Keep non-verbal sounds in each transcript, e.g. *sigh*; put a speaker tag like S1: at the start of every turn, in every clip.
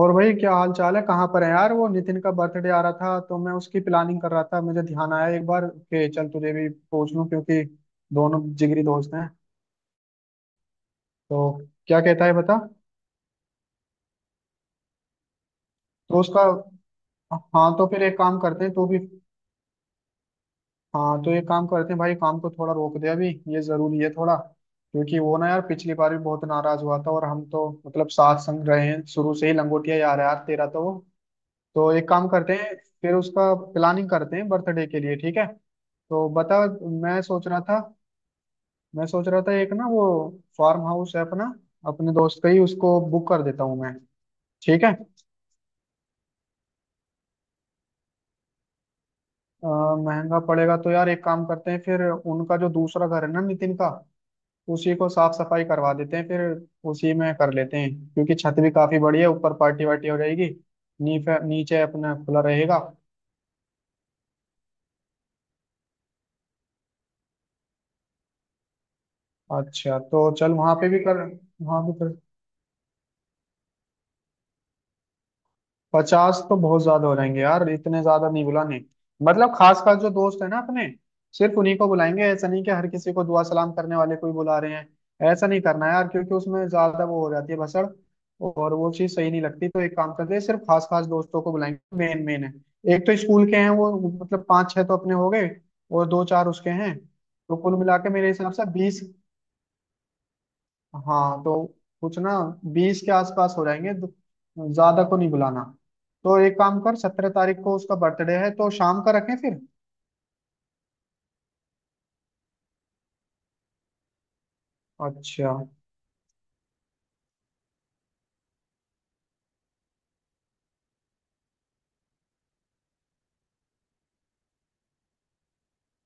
S1: और भाई क्या हाल चाल है। कहाँ पर है यार। वो नितिन का बर्थडे आ रहा था तो मैं उसकी प्लानिंग कर रहा था, मुझे ध्यान आया एक बार कि चल तुझे भी पूछ लूं क्योंकि दोनों जिगरी दोस्त हैं। तो क्या कहता है बता। तो उसका। हाँ तो फिर एक काम करते हैं तू भी। हाँ तो एक काम करते हैं भाई, काम को थोड़ा रोक दे अभी, ये जरूरी है थोड़ा। क्योंकि वो ना यार पिछली बार भी बहुत नाराज हुआ था, और हम तो मतलब साथ संग रहे हैं शुरू से ही, लंगोटिया यार है यार तेरा तो वो। तो एक काम करते हैं, फिर उसका प्लानिंग करते हैं बर्थडे के लिए, ठीक है। तो बता। मैं सोच रहा था मैं सोच रहा था एक ना वो फार्म हाउस है अपना, अपने दोस्त का ही, उसको बुक कर देता हूँ मैं। ठीक है। महंगा पड़ेगा तो यार एक काम करते हैं, फिर उनका जो दूसरा घर है ना नितिन का, उसी को साफ सफाई करवा देते हैं फिर उसी में कर लेते हैं, क्योंकि छत भी काफी बड़ी है, ऊपर पार्टी वार्टी हो जाएगी, नीचे नीचे अपना खुला रहेगा। अच्छा तो चल वहां पे भी कर। वहां भी कर। 50 तो बहुत ज्यादा हो जाएंगे यार, इतने ज्यादा नहीं बुलाने। मतलब खास खास जो दोस्त है ना अपने, सिर्फ उन्हीं को बुलाएंगे। ऐसा नहीं कि हर किसी को दुआ सलाम करने वाले को ही बुला रहे हैं। ऐसा नहीं करना है यार, क्योंकि उसमें ज्यादा वो हो जाती है भसड़ और वो चीज सही नहीं लगती। तो एक काम करते हैं, सिर्फ खास खास दोस्तों को बुलाएंगे, मेन मेन है। एक तो स्कूल के हैं वो, मतलब पांच छह तो अपने हो गए और दो चार उसके हैं। तो कुल मिला के मेरे हिसाब से 20। हाँ तो कुछ ना, 20 के आसपास हो जाएंगे तो ज्यादा को नहीं बुलाना। तो एक काम कर, 17 तारीख को उसका बर्थडे है तो शाम का रखें फिर। अच्छा।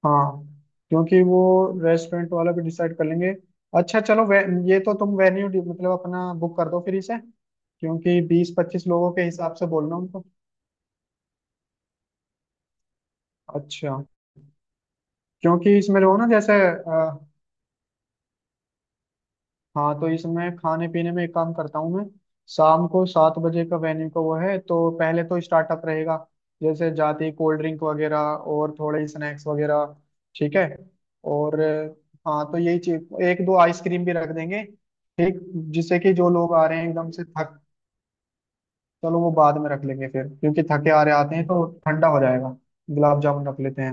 S1: हाँ क्योंकि वो रेस्टोरेंट वाला भी डिसाइड कर लेंगे। अच्छा चलो ये तो तुम वेन्यू मतलब अपना बुक कर दो फिर इसे, क्योंकि 20-25 लोगों के हिसाब से बोलना उनको। अच्छा, क्योंकि इसमें जो है ना जैसे। हाँ तो इसमें खाने पीने में एक काम करता हूँ मैं। शाम को 7 बजे का वेन्यू का वो है, तो पहले तो स्टार्टअप रहेगा, जैसे जाती कोल्ड ड्रिंक वगैरह और थोड़े स्नैक्स वगैरह, ठीक है। और हाँ तो यही चीज, एक दो आइसक्रीम भी रख देंगे ठीक, जिससे कि जो लोग आ रहे हैं एकदम से थक। चलो वो बाद में रख लेंगे फिर, क्योंकि थके आ रहे आते हैं तो ठंडा हो जाएगा। गुलाब जामुन रख लेते हैं।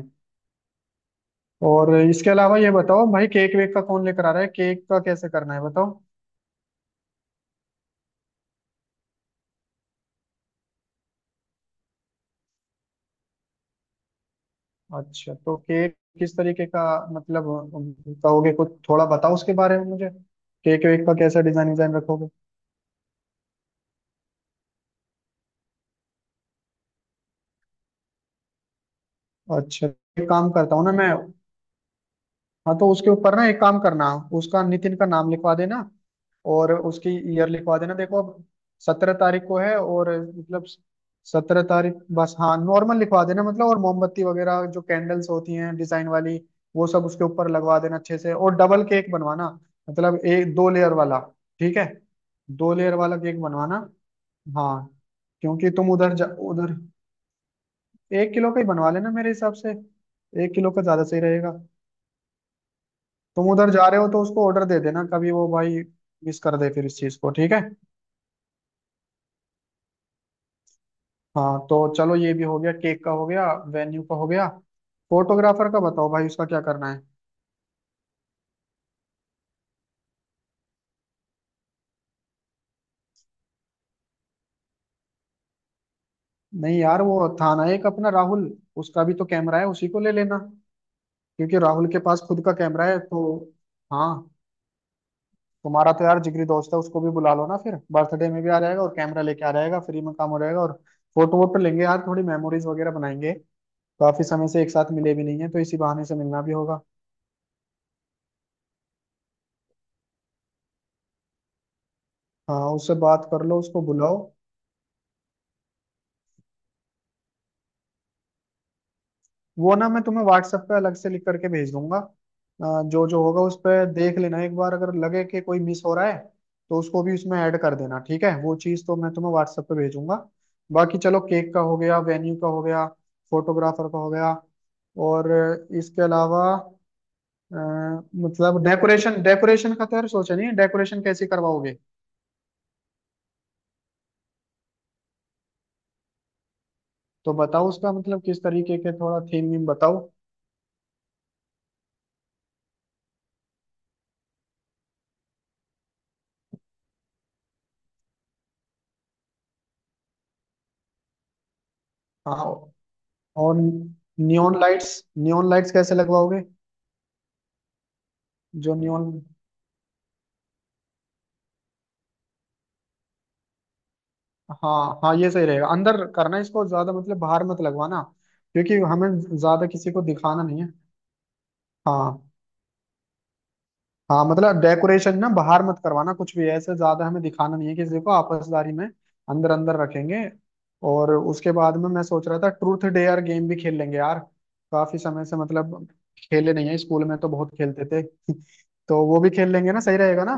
S1: और इसके अलावा ये बताओ भाई, केक वेक का कौन लेकर आ रहा है, केक का कैसे करना है बताओ। अच्छा तो केक किस तरीके का, मतलब कहोगे, कुछ थोड़ा बताओ उसके बारे में मुझे। केक वेक का कैसा डिजाइन डिजाइन रखोगे। अच्छा, एक काम करता हूँ ना मैं। हाँ तो उसके ऊपर ना एक काम करना, उसका नितिन का नाम लिखवा देना और उसकी ईयर लिखवा देना। देखो अब 17 तारीख को है और मतलब 17 तारीख, बस हाँ नॉर्मल लिखवा देना मतलब। और मोमबत्ती वगैरह जो कैंडल्स होती हैं डिजाइन वाली, वो सब उसके ऊपर लगवा देना अच्छे से, और डबल केक बनवाना, मतलब एक दो लेयर वाला, ठीक है, दो लेयर वाला केक बनवाना। हाँ क्योंकि तुम उधर जा, उधर 1 किलो का ही बनवा लेना मेरे हिसाब से, 1 किलो का ज्यादा सही रहेगा। तुम उधर जा रहे हो तो उसको ऑर्डर दे देना, कभी वो भाई मिस कर दे फिर इस चीज को, ठीक है। हाँ तो चलो ये भी हो गया, केक का हो गया, वेन्यू का हो गया। फोटोग्राफर का बताओ भाई, उसका क्या करना है। नहीं यार वो था ना एक अपना राहुल, उसका भी तो कैमरा है, उसी को ले लेना, क्योंकि राहुल के पास खुद का कैमरा है तो। हाँ, तुम्हारा तो यार जिगरी दोस्त है, उसको भी बुला लो ना, फिर बर्थडे में भी आ जाएगा और कैमरा लेके आ जाएगा, फ्री में काम हो जाएगा, और फोटो वोटो लेंगे यार, थोड़ी मेमोरीज वगैरह बनाएंगे, काफी समय से एक साथ मिले भी नहीं है तो इसी बहाने से मिलना भी होगा। हाँ उससे बात कर लो, उसको बुलाओ। वो ना मैं तुम्हें व्हाट्सएप पे अलग से लिख करके भेज दूंगा, जो जो होगा उस पर देख लेना एक बार, अगर लगे कि कोई मिस हो रहा है तो उसको भी उसमें ऐड कर देना, ठीक है, वो चीज़ तो मैं तुम्हें व्हाट्सएप पे भेजूंगा। बाकी चलो, केक का हो गया, वेन्यू का हो गया, फोटोग्राफर का हो गया। और इसके अलावा अ, मतलब डेकोरेशन, डेकोरेशन का तो यार सोचा नहीं है, डेकोरेशन कैसे करवाओगे। तो बताओ उसका, मतलब किस तरीके के, थोड़ा थीम वीम बताओ। हाँ। और नियॉन लाइट्स, नियॉन लाइट्स कैसे लगवाओगे। जो नियॉन, हाँ हाँ ये सही रहेगा, अंदर करना है इसको, ज्यादा मतलब बाहर मत लगवाना, क्योंकि हमें ज्यादा किसी को दिखाना नहीं है। हाँ हाँ मतलब डेकोरेशन ना बाहर मत करवाना कुछ भी ऐसे, ज्यादा हमें दिखाना नहीं है किसी को आपसदारी में, अंदर अंदर रखेंगे। और उसके बाद में मैं सोच रहा था ट्रूथ डेयर गेम भी खेल लेंगे यार, काफी समय से मतलब खेले नहीं है, स्कूल में तो बहुत खेलते थे। *laughs* तो वो भी खेल लेंगे ना, सही रहेगा ना।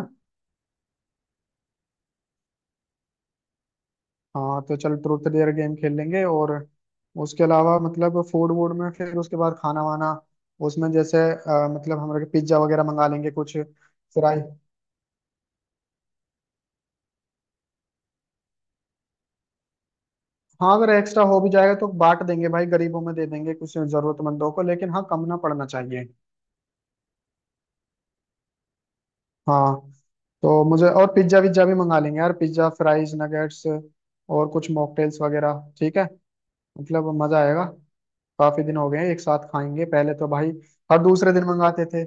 S1: हाँ तो चल ट्रूथ डेयर गेम खेल लेंगे, और उसके अलावा मतलब फूड वूड में, फिर उसके बाद खाना वाना, उसमें जैसे मतलब हम लोग पिज्जा वगैरह मंगा लेंगे कुछ फ्राई। हाँ अगर एक्स्ट्रा हो भी जाएगा तो बांट देंगे भाई गरीबों में, दे देंगे कुछ जरूरतमंदों को, लेकिन हाँ कम ना पड़ना चाहिए। हाँ तो मुझे और पिज्जा विज्जा भी मंगा लेंगे यार, पिज्जा फ्राइज नगेट्स और कुछ मॉकटेल्स वगैरह, ठीक है, मतलब मजा आएगा। काफी दिन हो गए हैं, एक साथ खाएंगे पहले तो भाई, हर दूसरे दिन मंगाते थे।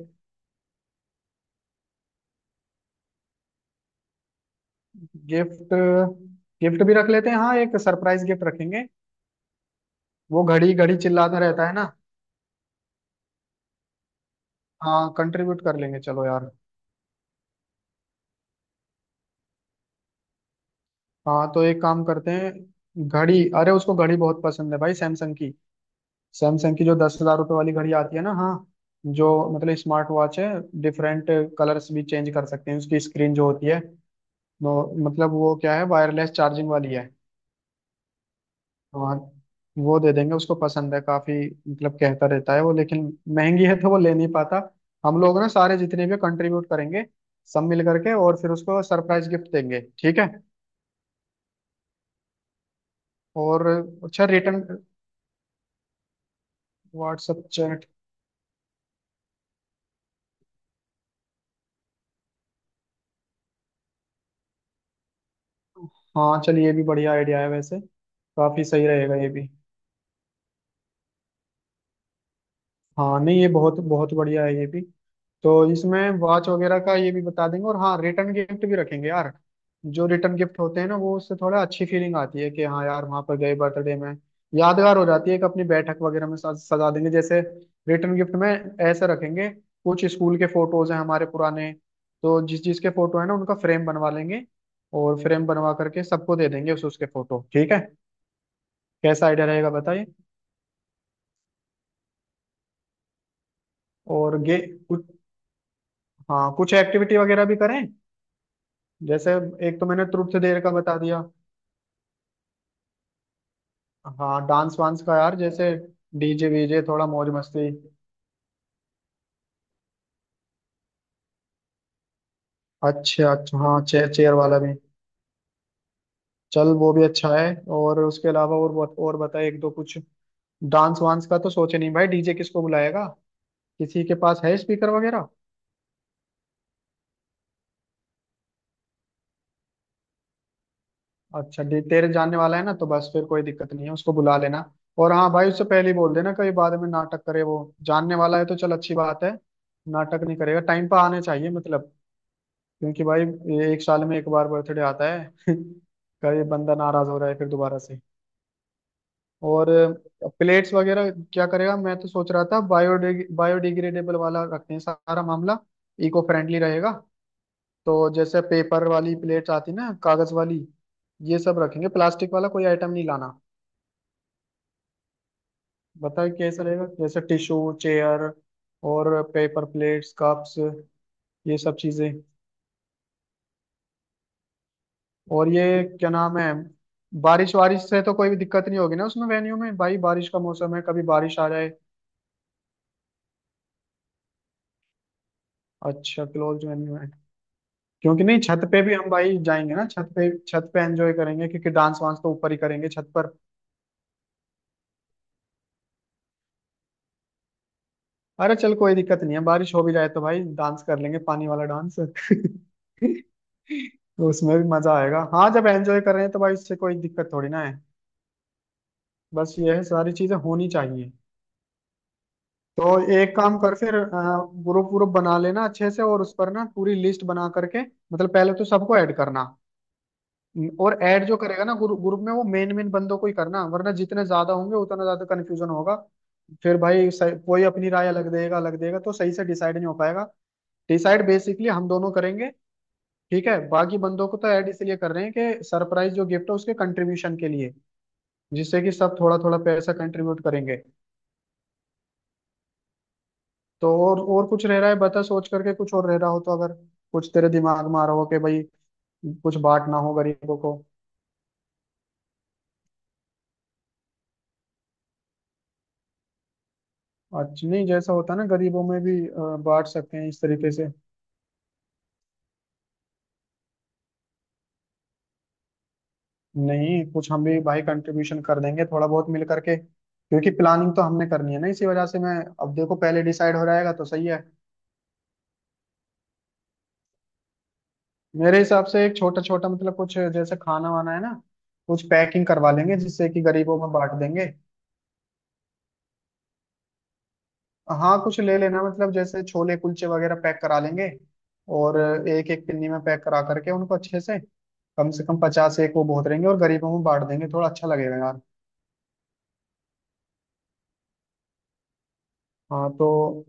S1: गिफ्ट, गिफ्ट भी रख लेते हैं हाँ, एक सरप्राइज गिफ्ट रखेंगे, वो घड़ी घड़ी चिल्लाता रहता है ना। हाँ कंट्रीब्यूट कर लेंगे चलो यार। हाँ तो एक काम करते हैं, घड़ी अरे उसको घड़ी बहुत पसंद है भाई, सैमसंग की। सैमसंग की जो 10,000 रुपये वाली घड़ी आती है ना, हाँ, जो मतलब स्मार्ट वॉच है, डिफरेंट कलर्स भी चेंज कर सकते हैं उसकी स्क्रीन जो होती है वो, मतलब वो क्या है, वायरलेस चार्जिंग वाली है। वहाँ, वो दे देंगे, उसको पसंद है काफी, मतलब कहता रहता है वो लेकिन महंगी है तो वो ले नहीं पाता। हम लोग ना सारे जितने भी कंट्रीब्यूट करेंगे सब मिल करके, और फिर उसको सरप्राइज गिफ्ट देंगे, ठीक है। और अच्छा रिटर्न, व्हाट्सएप चैट, हाँ चलिए ये भी बढ़िया आइडिया है वैसे, काफी सही रहेगा ये भी। हाँ नहीं ये बहुत बहुत बढ़िया है ये भी। तो इसमें वॉच वगैरह का ये भी बता देंगे, और हाँ रिटर्न गिफ्ट भी रखेंगे यार, जो रिटर्न गिफ्ट होते हैं ना वो, उससे थोड़ा अच्छी फीलिंग आती है कि हाँ यार वहां पर गए बर्थडे में, यादगार हो जाती है, कि अपनी बैठक वगैरह में सजा देंगे जैसे, रिटर्न गिफ्ट में ऐसे रखेंगे, कुछ स्कूल के फोटोज हैं हमारे पुराने, तो जिस जिस के फोटो है ना उनका फ्रेम बनवा लेंगे, और फ्रेम बनवा करके सबको दे देंगे उस उसके फोटो, ठीक है। कैसा आइडिया रहेगा बताइए। और गे कुछ, हाँ कुछ एक्टिविटी वगैरह भी करें जैसे, एक तो मैंने ट्रुथ देर का बता दिया। हाँ डांस वांस का यार जैसे, डीजे वीजे थोड़ा मौज मस्ती। अच्छा अच्छा हाँ चेयर चेयर वाला भी, चल वो भी अच्छा है। और उसके अलावा और और बता एक दो कुछ। डांस वांस का तो सोचे नहीं भाई, डीजे किसको बुलाएगा, किसी के पास है स्पीकर वगैरह। अच्छा, तेरे जानने वाला है ना तो बस फिर कोई दिक्कत नहीं है, उसको बुला लेना। और हाँ भाई उससे पहले ही बोल देना, कहीं बाद में नाटक करे वो, जानने वाला है तो चल अच्छी बात है, नाटक नहीं करेगा टाइम पर आने चाहिए मतलब। क्योंकि भाई, ये एक साल में एक बार बर्थडे आता है। *laughs* कभी बंदा नाराज हो रहा है फिर दोबारा से। और प्लेट्स वगैरह क्या करेगा, मैं तो सोच रहा था बायोडिग्रेडेबल वाला रखते हैं सारा मामला, इको फ्रेंडली रहेगा। तो जैसे पेपर वाली प्लेट्स आती ना, कागज वाली ये सब रखेंगे, प्लास्टिक वाला कोई आइटम नहीं लाना। बताइए कैसा रहेगा, जैसे टिश्यू चेयर और पेपर प्लेट्स कप्स, ये सब चीजें। और ये क्या नाम है, बारिश वारिश से तो कोई भी दिक्कत नहीं होगी ना उसमें वेन्यू में, भाई बारिश का मौसम है, कभी बारिश आ जाए। अच्छा, क्लोज वेन्यू है, क्योंकि नहीं छत पे भी हम भाई जाएंगे ना, छत पे एंजॉय करेंगे, क्योंकि डांस वांस तो ऊपर ही करेंगे छत पर। अरे चल कोई दिक्कत नहीं है, बारिश हो भी जाए तो भाई डांस कर लेंगे पानी वाला डांस। *laughs* तो उसमें भी मजा आएगा, हाँ जब एंजॉय कर रहे हैं तो भाई इससे कोई दिक्कत थोड़ी ना है, बस ये है, सारी चीजें होनी चाहिए। तो एक काम कर फिर, ग्रुप ग्रुप बना लेना अच्छे से, और उस पर ना पूरी लिस्ट बना करके, मतलब पहले तो सबको ऐड करना। और ऐड जो करेगा ना ग्रुप ग्रुप में, वो मेन मेन बंदों को ही करना, वरना जितने ज्यादा होंगे उतना ज्यादा कन्फ्यूजन होगा। फिर भाई कोई अपनी राय अलग देगा तो सही से डिसाइड नहीं हो पाएगा। डिसाइड बेसिकली हम दोनों करेंगे, ठीक है, बाकी बंदों को तो ऐड इसलिए कर रहे हैं कि सरप्राइज जो गिफ्ट है उसके कंट्रीब्यूशन के लिए, जिससे कि सब थोड़ा थोड़ा पैसा कंट्रीब्यूट करेंगे। तो और कुछ रह रहा है बता, सोच करके कुछ और रह रहा हो तो, अगर कुछ तेरे दिमाग में आ रहा हो कि भाई कुछ बांटना हो गरीबों को। अच्छा नहीं जैसा होता है ना, गरीबों में भी बांट सकते हैं इस तरीके से। नहीं कुछ हम भी भाई कंट्रीब्यूशन कर देंगे थोड़ा बहुत मिल करके, क्योंकि प्लानिंग तो हमने करनी है ना इसी वजह से मैं, अब देखो पहले डिसाइड हो जाएगा तो सही है। मेरे हिसाब से एक छोटा छोटा मतलब कुछ, जैसे खाना वाना है ना, कुछ पैकिंग करवा लेंगे जिससे कि गरीबों में बांट देंगे। हाँ कुछ ले लेना, मतलब जैसे छोले कुलचे वगैरह पैक करा लेंगे और एक एक पिन्नी में पैक करा करके उनको अच्छे से, कम से कम 50 एक वो बहुत रहेंगे और गरीबों में बांट देंगे, थोड़ा अच्छा लगेगा यार। हाँ तो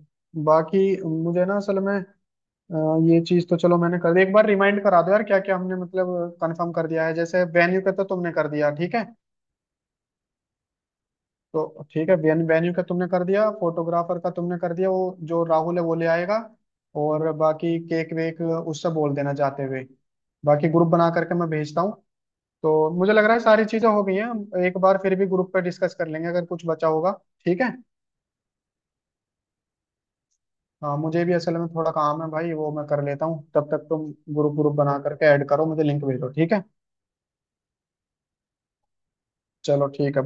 S1: बाकी मुझे ना असल में, अ, ये चीज तो चलो मैंने कर दी, एक बार रिमाइंड करा दो यार क्या क्या हमने मतलब कंफर्म कर दिया है। जैसे वेन्यू का तो तुमने कर दिया, ठीक है, तो ठीक है, वेन्यू वेन्यू का तुमने कर दिया, फोटोग्राफर का तुमने कर दिया, वो जो राहुल है वो ले आएगा, और बाकी केक वेक उससे बोल देना जाते हुए, बाकी ग्रुप बना करके मैं भेजता हूँ। तो मुझे लग रहा है सारी चीजें हो गई हैं, हम एक बार फिर भी ग्रुप पे डिस्कस कर लेंगे अगर कुछ बचा होगा, ठीक है। हाँ मुझे भी असल में थोड़ा काम है भाई, वो मैं कर लेता हूँ तब तक तुम ग्रुप ग्रुप बना करके ऐड करो, मुझे लिंक भेजो, ठीक है। चलो ठीक है।